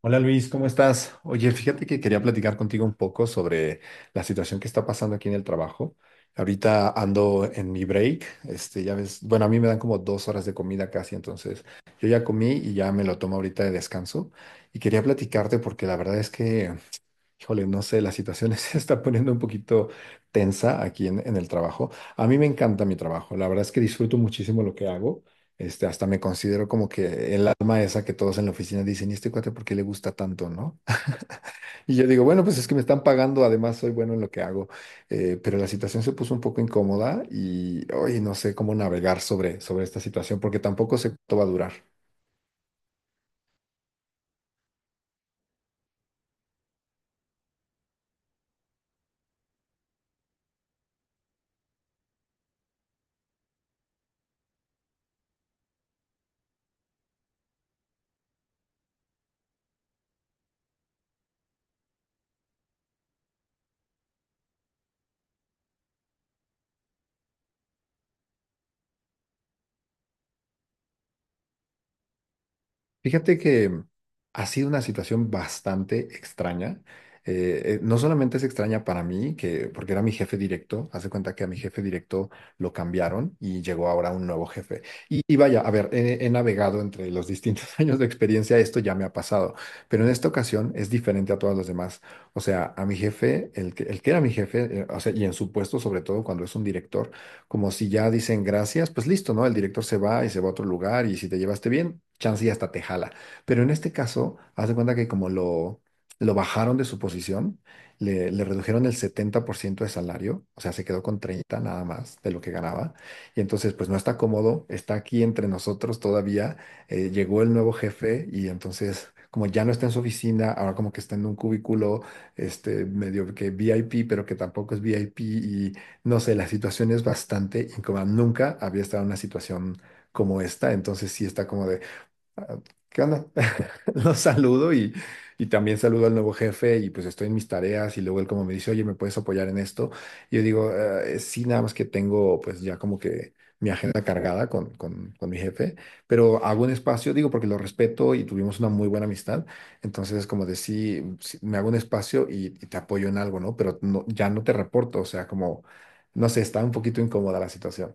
Hola Luis, ¿cómo estás? Oye, fíjate que quería platicar contigo un poco sobre la situación que está pasando aquí en el trabajo. Ahorita ando en mi break, este, ya ves, bueno, a mí me dan como 2 horas de comida casi, entonces yo ya comí y ya me lo tomo ahorita de descanso. Y quería platicarte porque la verdad es que, híjole, no sé, la situación se está poniendo un poquito tensa aquí en el trabajo. A mí me encanta mi trabajo, la verdad es que disfruto muchísimo lo que hago. Este, hasta me considero como que el alma esa que todos en la oficina dicen, ¿y este cuate por qué le gusta tanto, no? Y yo digo, bueno, pues es que me están pagando, además soy bueno en lo que hago. Pero la situación se puso un poco incómoda y hoy no sé cómo navegar sobre esta situación porque tampoco sé cuánto va a durar. Fíjate que ha sido una situación bastante extraña. No solamente es extraña para mí, que, porque era mi jefe directo, haz de cuenta que a mi jefe directo lo cambiaron y llegó ahora un nuevo jefe. Y vaya, a ver, he navegado entre los distintos años de experiencia, esto ya me ha pasado, pero en esta ocasión es diferente a todas las demás. O sea, a mi jefe, el que era mi jefe, o sea, y en su puesto, sobre todo cuando es un director como si ya dicen gracias, pues listo, ¿no? El director se va y se va a otro lugar y si te llevaste bien, chance y hasta te jala. Pero en este caso, haz de cuenta que como lo bajaron de su posición, le redujeron el 70% de salario, o sea, se quedó con 30 nada más de lo que ganaba. Y entonces, pues no está cómodo, está aquí entre nosotros todavía. Llegó el nuevo jefe y entonces... Como ya no está en su oficina, ahora como que está en un cubículo, este, medio que VIP, pero que tampoco es VIP. No sé, la situación es bastante incómoda. Nunca había estado en una situación como esta, entonces sí está como de, ah, ¿qué onda? Lo saludo y también saludo al nuevo jefe y pues estoy en mis tareas y luego él como me dice, oye, ¿me puedes apoyar en esto? Y yo digo, sí, nada más que tengo pues ya como que mi agenda cargada con mi jefe, pero hago un espacio, digo, porque lo respeto y tuvimos una muy buena amistad, entonces es como de sí, sí, me hago un espacio y te apoyo en algo, ¿no? Pero no, ya no te reporto, o sea, como, no sé, está un poquito incómoda la situación,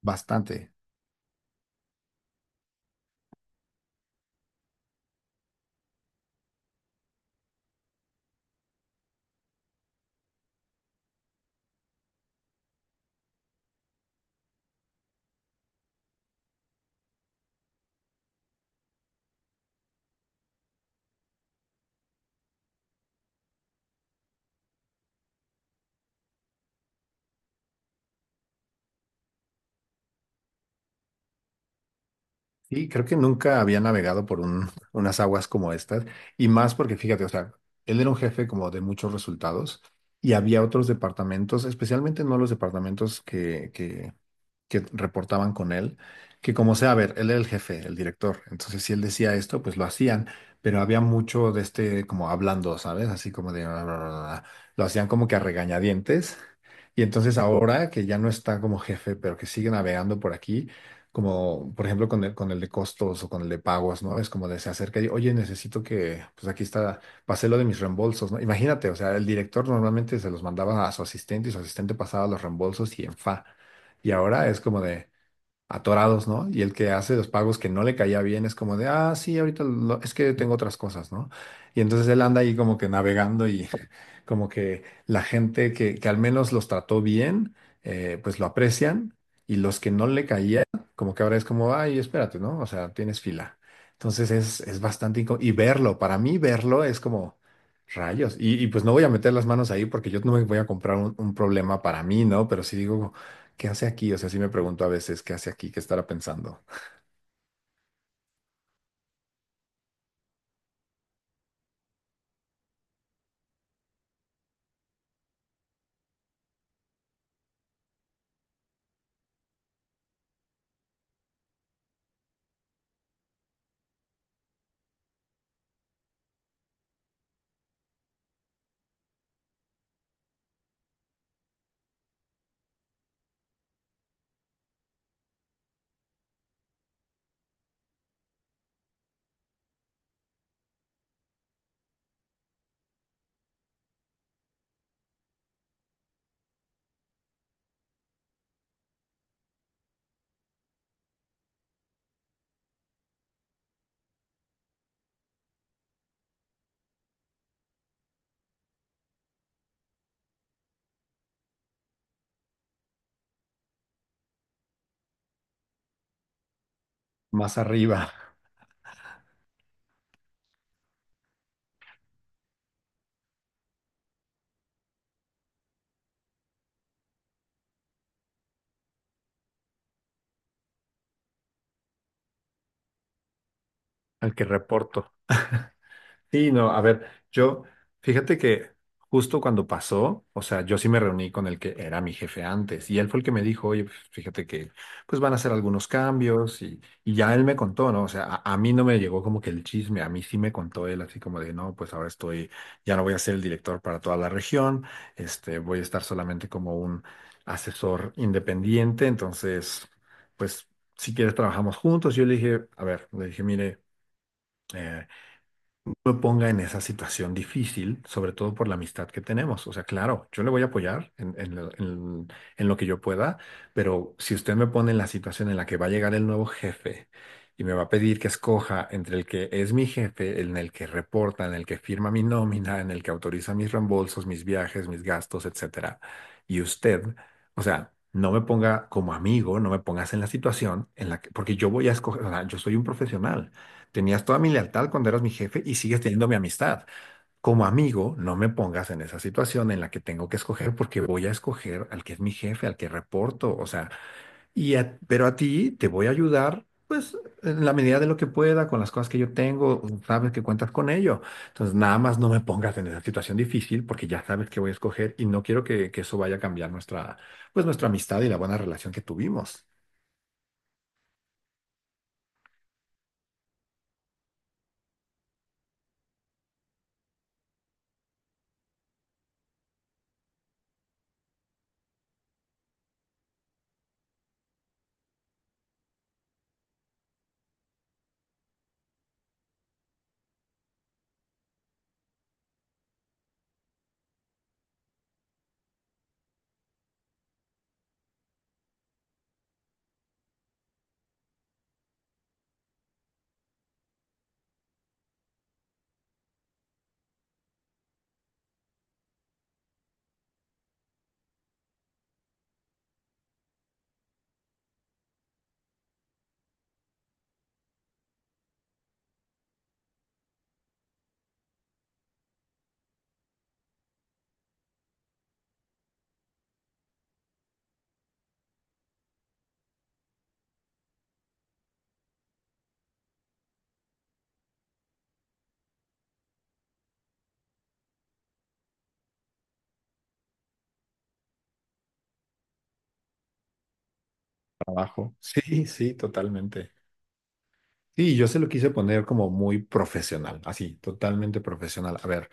bastante. Sí, creo que nunca había navegado por unas aguas como estas, y más porque fíjate, o sea, él era un jefe como de muchos resultados y había otros departamentos, especialmente no los departamentos que reportaban con él, que como sea, a ver, él era el jefe, el director, entonces si él decía esto, pues lo hacían, pero había mucho de este como hablando, ¿sabes? Así como de... "Ah", lo hacían como que a regañadientes y entonces ahora que ya no está como jefe, pero que sigue navegando por aquí, como por ejemplo con el de costos o con el de pagos, ¿no? Es como de se acerca y, oye, necesito que, pues aquí está, pasé lo de mis reembolsos, ¿no? Imagínate, o sea, el director normalmente se los mandaba a su asistente y su asistente pasaba los reembolsos y en fa. Y ahora es como de, atorados, ¿no? Y el que hace los pagos que no le caía bien es como de, ah, sí, es que tengo otras cosas, ¿no? Y entonces él anda ahí como que navegando y como que la gente que al menos los trató bien, pues lo aprecian y los que no le caía, como que ahora es como, ay, espérate, ¿no? O sea, tienes fila. Entonces es y verlo, para mí verlo es como... Rayos. Y pues no voy a meter las manos ahí porque yo no me voy a comprar un problema para mí, ¿no? Pero sí digo, ¿qué hace aquí? O sea, sí me pregunto a veces, ¿qué hace aquí? ¿Qué estará pensando? Más arriba, al que reporto. Sí, no, a ver, yo, fíjate que justo cuando pasó, o sea, yo sí me reuní con el que era mi jefe antes y él fue el que me dijo, oye, pues, fíjate que pues van a hacer algunos cambios y ya él me contó, ¿no? O sea, a mí no me llegó como que el chisme, a mí sí me contó él así como de, no, pues ahora estoy, ya no voy a ser el director para toda la región, este, voy a estar solamente como un asesor independiente, entonces, pues si quieres trabajamos juntos. Yo le dije, a ver, le dije, mire, eh, me ponga en esa situación difícil, sobre todo por la amistad que tenemos. O sea, claro, yo le voy a apoyar en lo que yo pueda, pero si usted me pone en la situación en la que va a llegar el nuevo jefe y me va a pedir que escoja entre el que es mi jefe, en el que reporta, en el que firma mi nómina, en el que autoriza mis reembolsos, mis viajes, mis gastos, etcétera, y usted, o sea, no me ponga como amigo, no me pongas en la situación en la que, porque yo voy a escoger, o sea, yo soy un profesional. Tenías toda mi lealtad cuando eras mi jefe y sigues teniendo mi amistad. Como amigo, no me pongas en esa situación en la que tengo que escoger porque voy a escoger al que es mi jefe, al que reporto, o sea, pero a ti te voy a ayudar, pues, en la medida de lo que pueda, con las cosas que yo tengo, sabes que cuentas con ello. Entonces, nada más no me pongas en esa situación difícil porque ya sabes que voy a escoger y no quiero que eso vaya a cambiar nuestra, pues, nuestra amistad y la buena relación que tuvimos. Trabajo. Sí, sí, totalmente. Sí, yo se lo quise poner como muy profesional, así, totalmente profesional. A ver,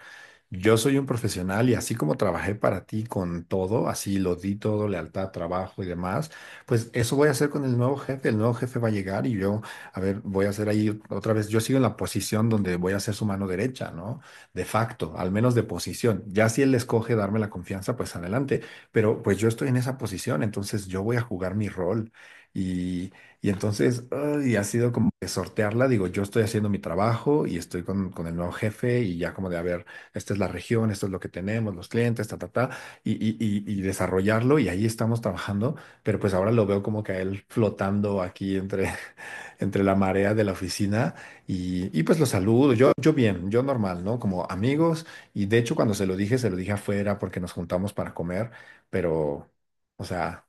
yo soy un profesional y así como trabajé para ti con todo, así lo di todo, lealtad, trabajo y demás, pues eso voy a hacer con el nuevo jefe. El nuevo jefe va a llegar y yo, a ver, voy a hacer ahí otra vez, yo sigo en la posición donde voy a ser su mano derecha, ¿no? De facto, al menos de posición. Ya si él escoge darme la confianza, pues adelante. Pero pues yo estoy en esa posición, entonces yo voy a jugar mi rol. Y, y entonces, y ha sido como que sortearla, digo, yo estoy haciendo mi trabajo y estoy con el nuevo jefe y ya como de, a ver, esta es la región, esto es lo que tenemos, los clientes, ta, ta, ta, y desarrollarlo y ahí estamos trabajando, pero pues ahora lo veo como que a él flotando aquí entre, entre la marea de la oficina y pues lo saludo, yo bien, yo normal, ¿no? Como amigos y de hecho cuando se lo dije afuera porque nos juntamos para comer, pero, o sea...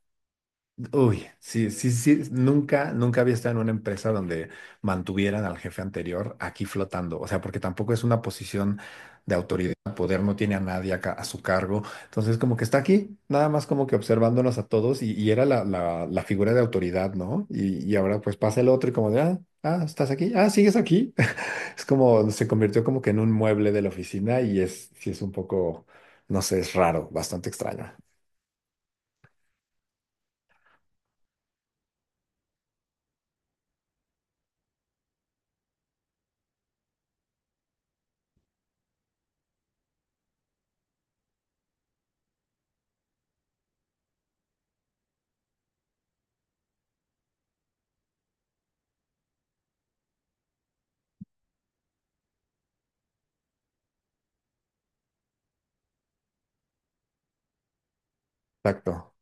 Uy, sí, sí, sí, nunca había estado en una empresa donde mantuvieran al jefe anterior aquí flotando, o sea, porque tampoco es una posición de autoridad, poder, no tiene a nadie acá a su cargo, entonces como que está aquí, nada más como que observándonos a todos y era la figura de autoridad, ¿no? Y ahora pues pasa el otro y como de, ah, ah, estás aquí, ah, sigues aquí, es como, se convirtió como que en un mueble de la oficina y es, sí es un poco, no sé, es raro, bastante extraño. Exacto.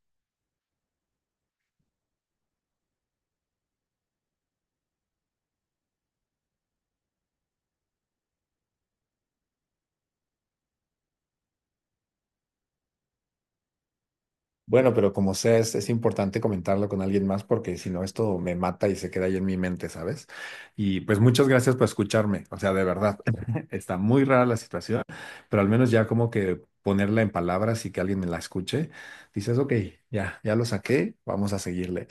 Bueno, pero como sea, es importante comentarlo con alguien más porque si no, esto me mata y se queda ahí en mi mente, ¿sabes? Y pues muchas gracias por escucharme. O sea, de verdad, está muy rara la situación, pero al menos ya como que ponerla en palabras y que alguien me la escuche, dices, ok, ya lo saqué, vamos a seguirle.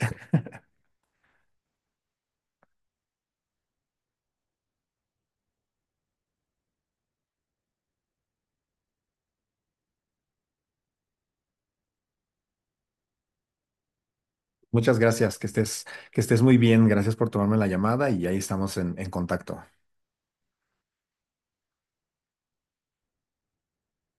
Muchas gracias, que estés muy bien. Gracias por tomarme la llamada y ahí estamos en contacto.